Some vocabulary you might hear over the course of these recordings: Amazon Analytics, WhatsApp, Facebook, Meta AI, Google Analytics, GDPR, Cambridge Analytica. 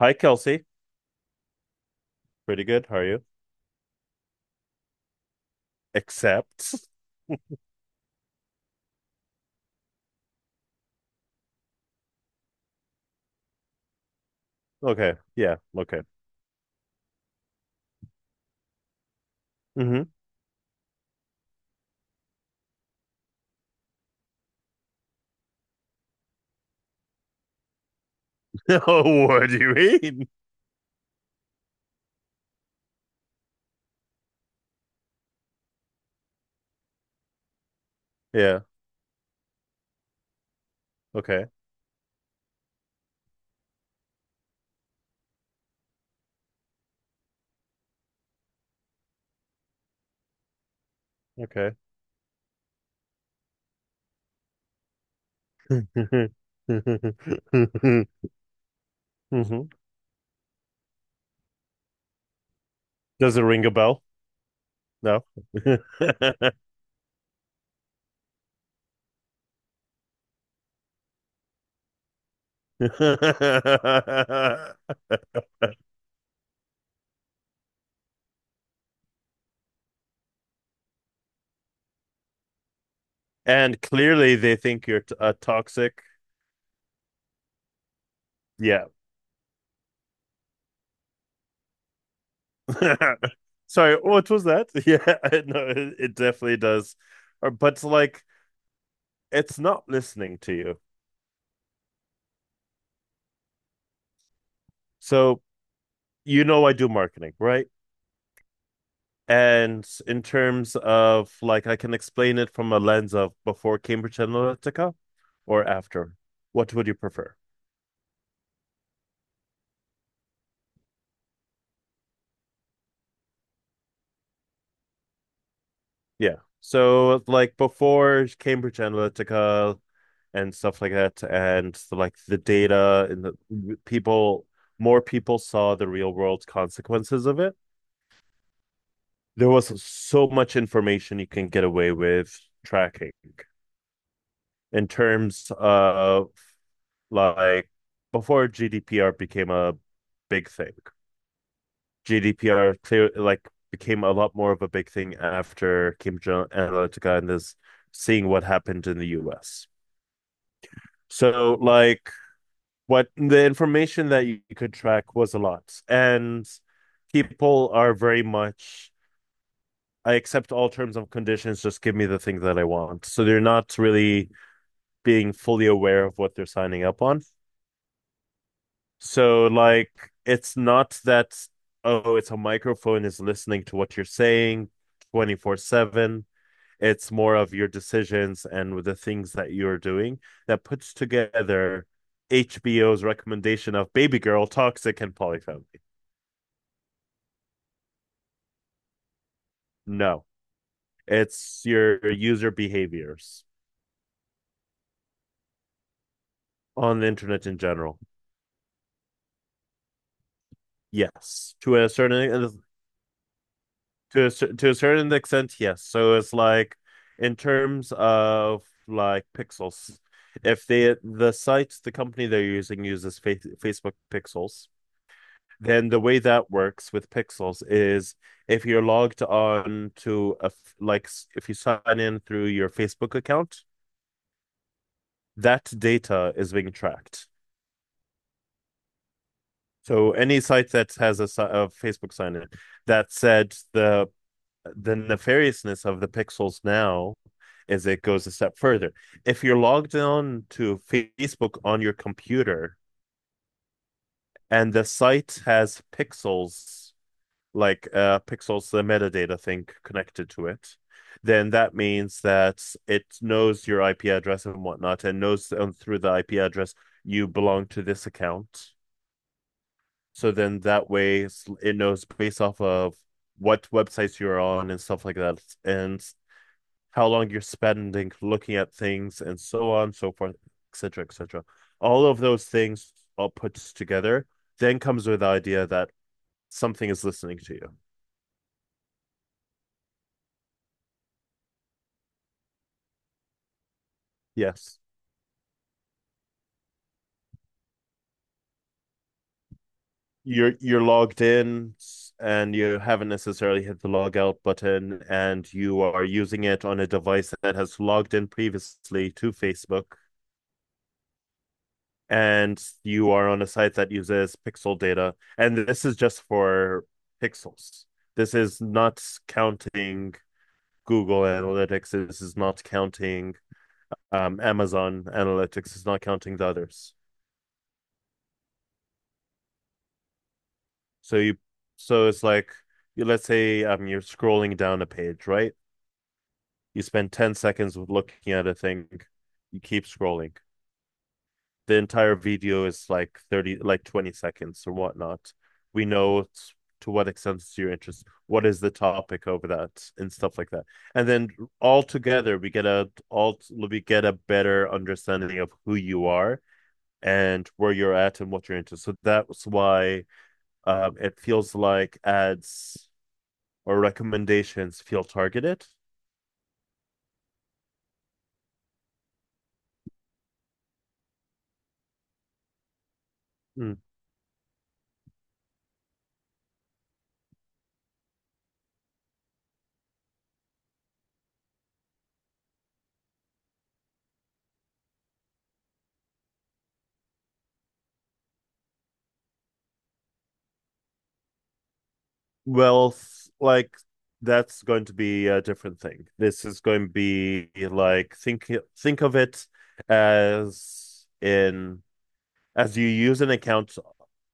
Hi, Kelsey. Pretty good. How are you? Except. Okay. Yeah. Okay. Hmm. Oh, what do you mean? Yeah. Okay. Okay. Hmm. Does it ring a bell? No. And clearly they think you're t a toxic. Yeah. Sorry, what was that? Yeah, I know it definitely does. Or, but like it's not listening to you. So you know I do marketing, right? And in terms of like I can explain it from a lens of before Cambridge Analytica or after. What would you prefer? Yeah. So like before Cambridge Analytica and stuff like that and like the data and the people more people saw the real world consequences of it. There was so much information you can get away with tracking in terms of like before GDPR became a big thing. GDPR clear like became a lot more of a big thing after Cambridge Analytica and this seeing what happened in the US. So like what the information that you could track was a lot. And people are very much I accept all terms and conditions, just give me the thing that I want. So they're not really being fully aware of what they're signing up on. So like it's not that, oh, it's a microphone is listening to what you're saying 24/7. It's more of your decisions and with the things that you're doing that puts together HBO's recommendation of Baby Girl, Toxic and Polyfamily. No, it's your user behaviors on the internet in general. Yes, to a certain extent, yes. So it's like in terms of like pixels, if they the site the company they're using uses fa Facebook pixels, then the way that works with pixels is if you're logged on to a f- like s- if you sign in through your Facebook account, that data is being tracked. So any site that has a Facebook sign in, that said, the nefariousness of the pixels now is it goes a step further. If you're logged on to Facebook on your computer and the site has pixels, like pixels, the metadata thing connected to it, then that means that it knows your IP address and whatnot and knows, through the IP address, you belong to this account. So then that way it knows based off of what websites you're on and stuff like that. And how long you're spending looking at things, and so on, so forth, etc., etc. All of those things all put together then comes with the idea that something is listening to you. Yes, you're logged in, and you haven't necessarily hit the log out button, and you are using it on a device that has logged in previously to Facebook, and you are on a site that uses pixel data, and this is just for pixels. This is not counting Google Analytics is not counting, Amazon Analytics is not counting the others. So you so it's like, let's say, you're scrolling down a page, right? You spend 10 seconds looking at a thing, you keep scrolling. The entire video is like 30, like 20 seconds or whatnot. We know, to what extent is your interest, what is the topic over that, and stuff like that. And then all together, we get a better understanding of who you are and where you're at and what you're into. So that's why, it feels like ads or recommendations feel targeted. Mm. Well, like, that's going to be a different thing. This is going to be like, think of it as in As you use an account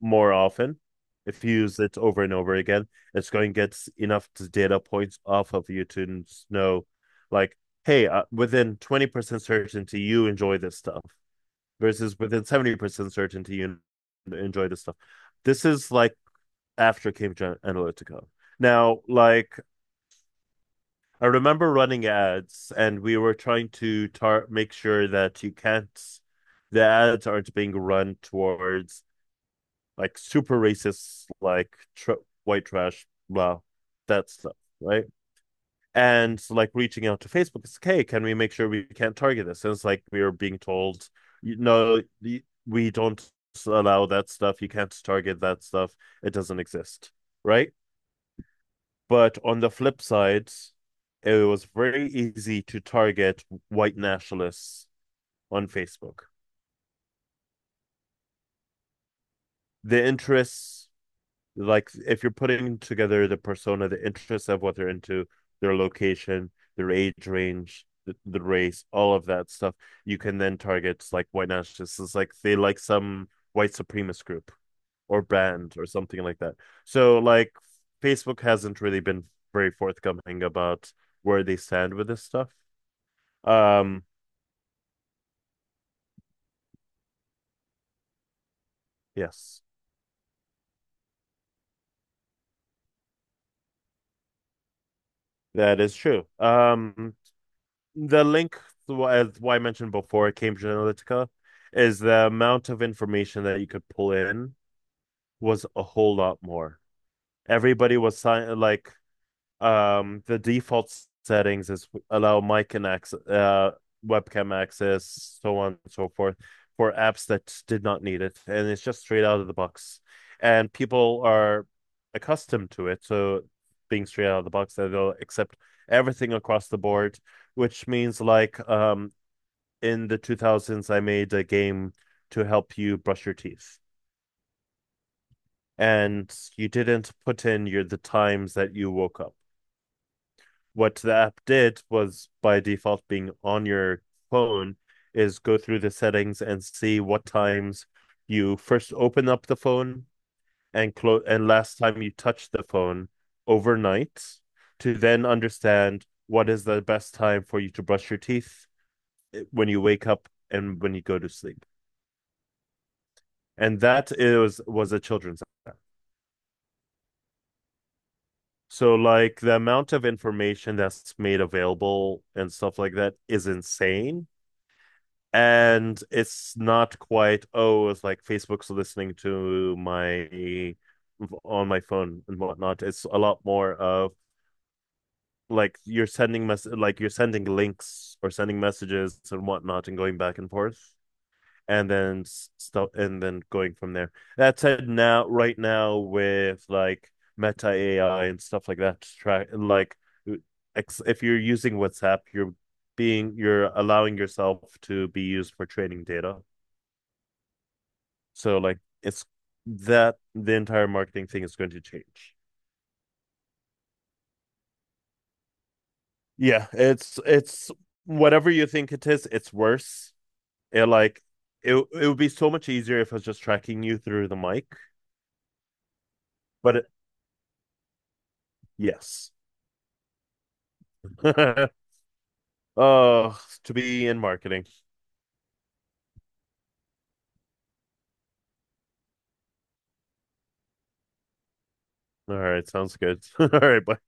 more often, if you use it over and over again, it's going to get enough data points off of you to know, like, hey, within 20% certainty, you enjoy this stuff versus within 70% certainty, you enjoy this stuff. This is like after Cambridge Analytica. Now, like, I remember running ads and we were trying to make sure that, you can't, the ads aren't being run towards like super racist, like tr white trash, blah, that stuff, right? And so, like, reaching out to Facebook, it's like, hey, can we make sure we can't target this? And it's like we are being told, you know, we don't allow that stuff. You can't target that stuff. It doesn't exist, right? But on the flip side, it was very easy to target white nationalists on Facebook. The interests, like, if you're putting together the persona, the interests of what they're into, their location, their age range, the race, all of that stuff, you can then target like white nationalists. It's like they like some white supremacist group or brand or something like that. So like Facebook hasn't really been very forthcoming about where they stand with this stuff. Um, yes, that is true. The link, as why I mentioned before, Cambridge Analytica, is the amount of information that you could pull in was a whole lot more. Everybody was sign like the default settings is allow mic and access, webcam access, so on and so forth, for apps that did not need it, and it's just straight out of the box, and people are accustomed to it, so being straight out of the box, that they'll accept everything across the board, which means like, in the 2000s, I made a game to help you brush your teeth. And you didn't put in your the times that you woke up. What the app did was by default being on your phone is go through the settings and see what times you first open up the phone and close, and last time you touch the phone overnight, to then understand what is the best time for you to brush your teeth, when you wake up and when you go to sleep. And that is was a children's. So like the amount of information that's made available and stuff like that is insane, and it's not quite, oh, it's like Facebook's listening to my on my phone and whatnot. It's a lot more of like you're sending links or sending messages and whatnot, and going back and forth, and then stuff, and then going from there. That said, now right now with like Meta AI and stuff like that, to track like, uh, if you're using WhatsApp, you're allowing yourself to be used for training data. So like it's that the entire marketing thing is going to change. Yeah, it's whatever you think it is, it's worse. It like it would be so much easier if I was just tracking you through the mic, but it, yes. Oh, to be in marketing. All right, sounds good. All right, bye.